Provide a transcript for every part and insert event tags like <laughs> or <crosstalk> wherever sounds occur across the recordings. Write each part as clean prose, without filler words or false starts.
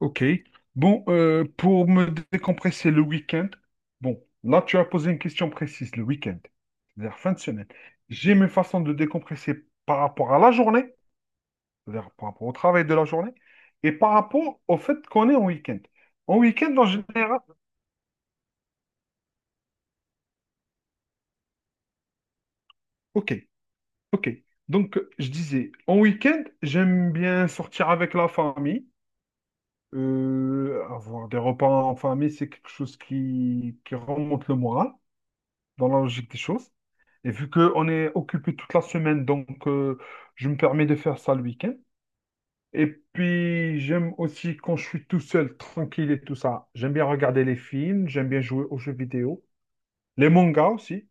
Ok. Pour me décompresser le week-end, bon, là tu as posé une question précise, le week-end, c'est-à-dire fin de semaine. J'ai mes façons de décompresser par rapport à la journée, c'est-à-dire par rapport au travail de la journée, et par rapport au fait qu'on est en week-end. En week-end, en général, ok, ok. Je disais, en week-end, j'aime bien sortir avec la famille. Avoir des repas en famille, c'est quelque chose qui remonte le moral, dans la logique des choses. Et vu qu'on est occupé toute la semaine, je me permets de faire ça le week-end. Et puis, j'aime aussi quand je suis tout seul, tranquille et tout ça. J'aime bien regarder les films, j'aime bien jouer aux jeux vidéo, les mangas aussi.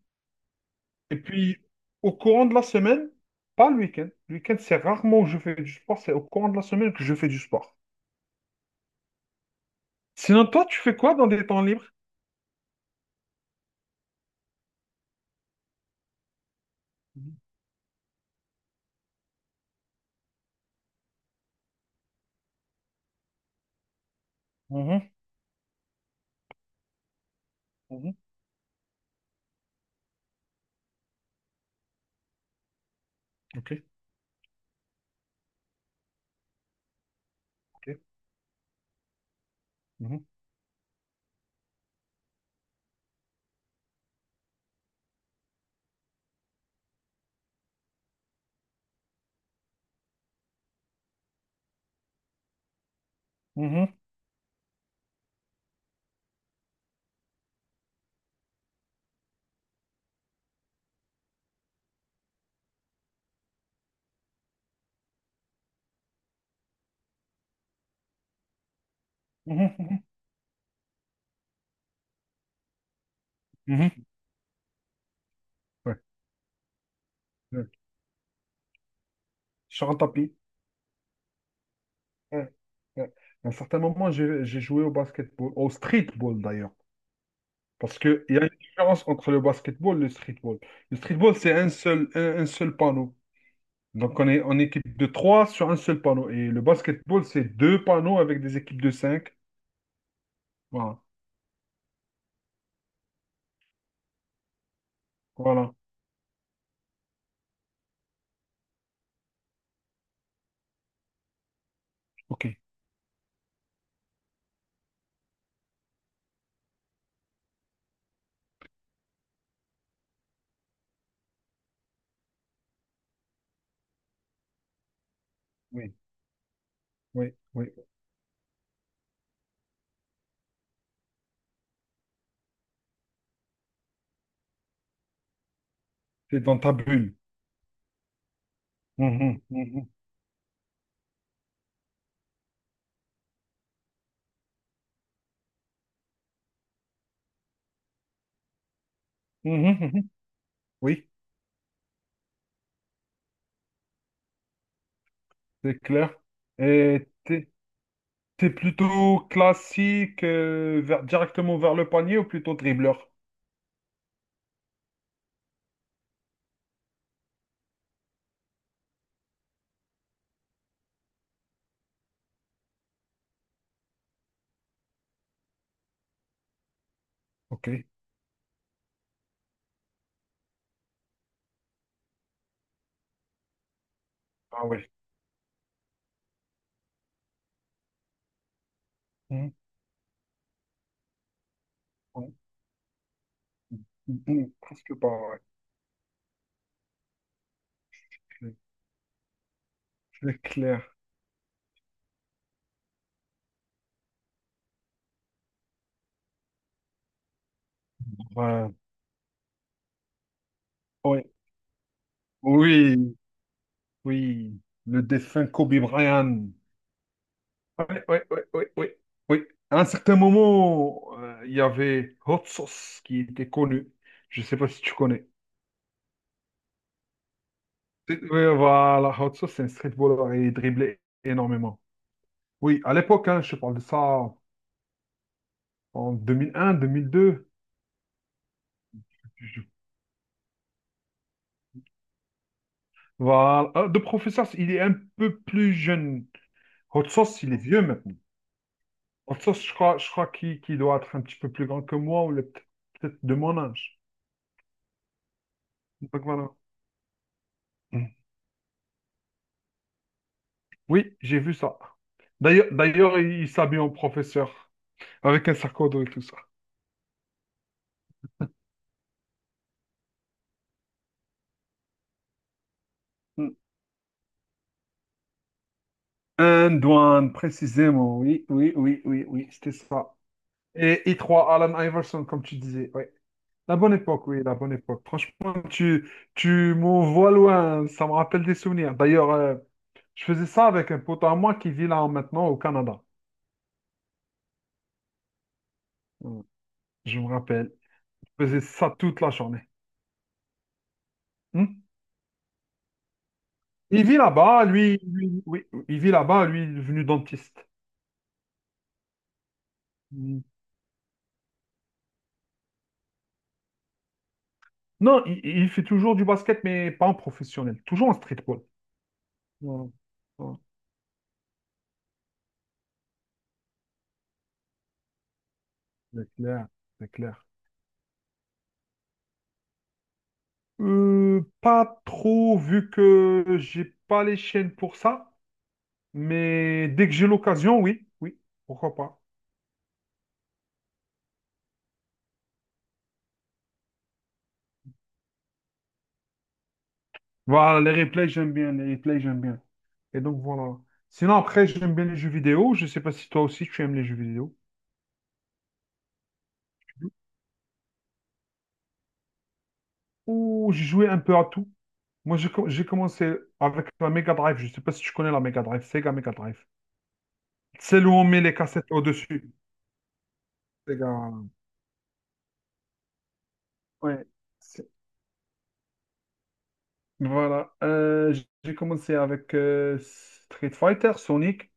Et puis, au courant de la semaine, pas le week-end. Le week-end, c'est rarement où je fais du sport, c'est au courant de la semaine que je fais du sport. Sinon, toi, tu fais quoi dans tes temps libres? Mhm, mhm, mhm. Ok, ok. Mhm, mhm, mhm, mhm, mhm. Ouais, ouais. Sur un tapis. Ouais, ouais. À un certain moment, j'ai joué au basketball, au streetball d'ailleurs. Parce qu'il y a une différence entre le basketball et le streetball. Le streetball, c'est un seul panneau. Donc, on est en équipe de trois sur un seul panneau. Et le basketball, c'est deux panneaux avec des équipes de cinq. Voilà. Voilà. OK. Oui, oui, oui. C'est dans ta bulle. Mhm, mhm, mhm, mhm. Oui, c'est clair. Et t'es plutôt classique, directement vers le panier ou plutôt dribbleur? OK. Ah oui. Mm, mm, mm, presque pas, ouais. C'est c'est clair. Ouais. Oui, oui, oui. Le défunt Kobe Bryant. Oui, oui, oui, oui, oui. Oui. À un certain moment, il y avait Hot Sauce qui était connu. Je ne sais pas si tu connais. Oui, voilà, Hot Sauce, c'est un streetballer et il driblait énormément. Oui, à l'époque, hein, je parle de ça en 2001, 2002. Je- Voilà. Ah, de professeur, il est un peu plus jeune. Hot Sauce, il est vieux, mais en tout cas, je crois, qu'il qu'il doit être un petit peu plus grand que moi, peut-être de mon âge. Donc voilà. Mm. Oui, j'ai vu ça. D'ailleurs, il s'habille en professeur, avec un sac à dos et tout ça. Mm. Un douane, précisément. Oui, oui, oui, oui, oui, c'était ça. Et I3, Alan Iverson, comme tu disais. Oui. La bonne époque, oui, la bonne époque. Franchement, tu m'envoies loin, ça me rappelle des souvenirs. D'ailleurs, je faisais ça avec un pote à moi qui vit là maintenant au Canada. Mm. Je me rappelle. Faisait ça toute la journée. Hmm. Il vit là-bas, oui, il vit là-bas, lui, il est devenu dentiste. Hmm. Non, il fait toujours du basket, mais pas en professionnel, toujours en streetball. Ouais, ouais. C'est clair, c'est clair. Pas trop, vu que j'ai pas les chaînes pour ça, mais dès que j'ai l'occasion, oui, oui, pourquoi pas. Voilà, les replays, j'aime bien, les replays, j'aime bien. Et donc voilà. Sinon, après, j'aime bien les jeux vidéo. Je sais pas si toi aussi tu aimes les jeux vidéo. Ouh, j'ai joué un peu à tout. Moi, j'ai commencé avec la Mega Drive. Je ne sais pas si tu connais la Mega Drive, Sega Mega Drive. Celle où on met les cassettes au-dessus. Sega. Ouais. C'est- Voilà. J'ai commencé avec Street Fighter, Sonic,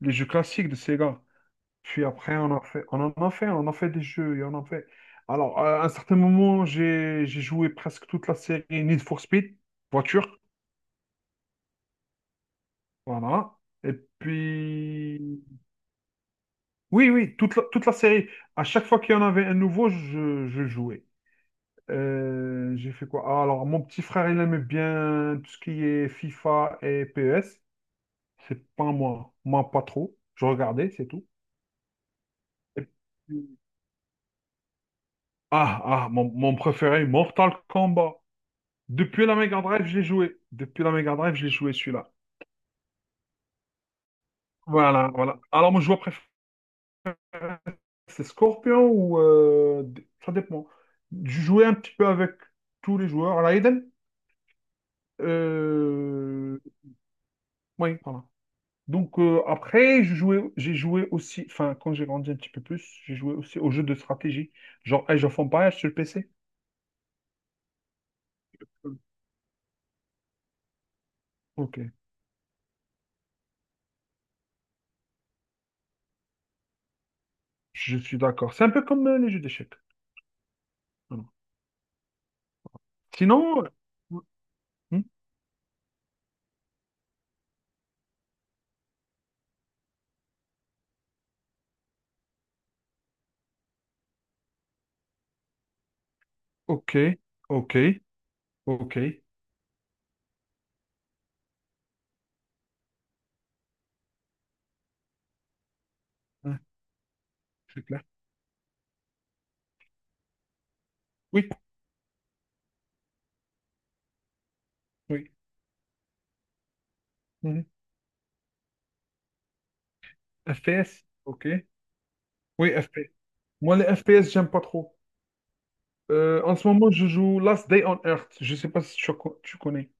les jeux classiques de Sega. Puis après, on en a fait des jeux, et on en fait. Alors, à un certain moment, j'ai joué presque toute la série Need for Speed, voiture. Voilà. Et puis. Oui, oui, toute la série. À chaque fois qu'il y en avait un nouveau, je jouais. J'ai fait quoi? Ah, alors, mon petit frère, il aime bien tout ce qui est FIFA et PES. C'est pas moi. Moi, pas trop. Je regardais, c'est tout. Et puis- Ah, mon préféré, Mortal Kombat. Depuis la Mega Drive, je l'ai joué. Depuis la Mega Drive, je l'ai joué celui-là. Voilà, voilà. Alors, mon joueur préféré, c'est Scorpion ou... d- ça dépend. Je jouais un petit peu avec tous les joueurs. À la Eden? Euh, oui, voilà. Après, j'ai joué aussi, enfin quand j'ai grandi un petit peu plus, j'ai joué aussi aux jeux de stratégie, genre Age of Empires sur le PC. Ok, je suis d'accord. C'est un peu comme les jeux d'échecs. Voilà. Sinon, euh, hmm, ok, ok, ok. Hein, c'est clair. Oui, oui. Mhm. FPS, ok. Oui, FPS. Moi, les FPS, j'aime pas trop. En ce moment, je joue Last Day on Earth. Je sais pas si tu connais.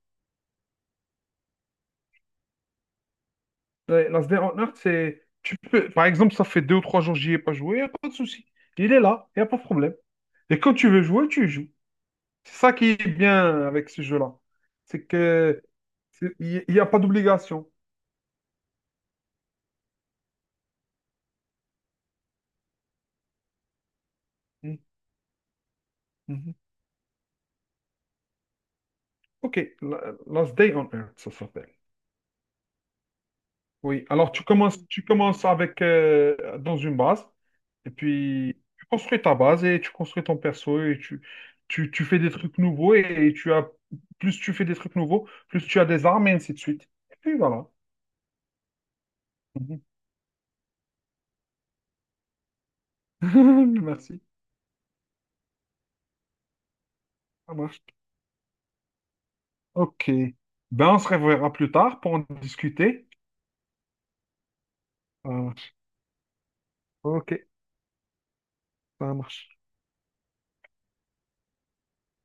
Ouais, Nasdaq en Earth, c'est. Tu peux... Par exemple, ça fait deux ou trois jours que j'y ai pas joué, il n'y a pas de souci. Il est là, il n'y a pas de problème. Et quand tu veux jouer, tu joues. C'est ça qui est bien avec ce jeu-là. C'est que il n'y a pas d'obligation. Mhm. Mhm. Ok, Last Day on Earth, ça s'appelle. Oui, alors tu commences avec dans une base. Et puis, tu construis ta base et tu construis ton perso et tu fais des trucs nouveaux et tu as, plus tu fais des trucs nouveaux, plus tu as des armes et ainsi de suite. Et puis voilà. Mhm. <laughs> Merci. Ça marche. Ok. Ben, on se reverra plus tard pour en discuter. Ça marche, ok, ça marche.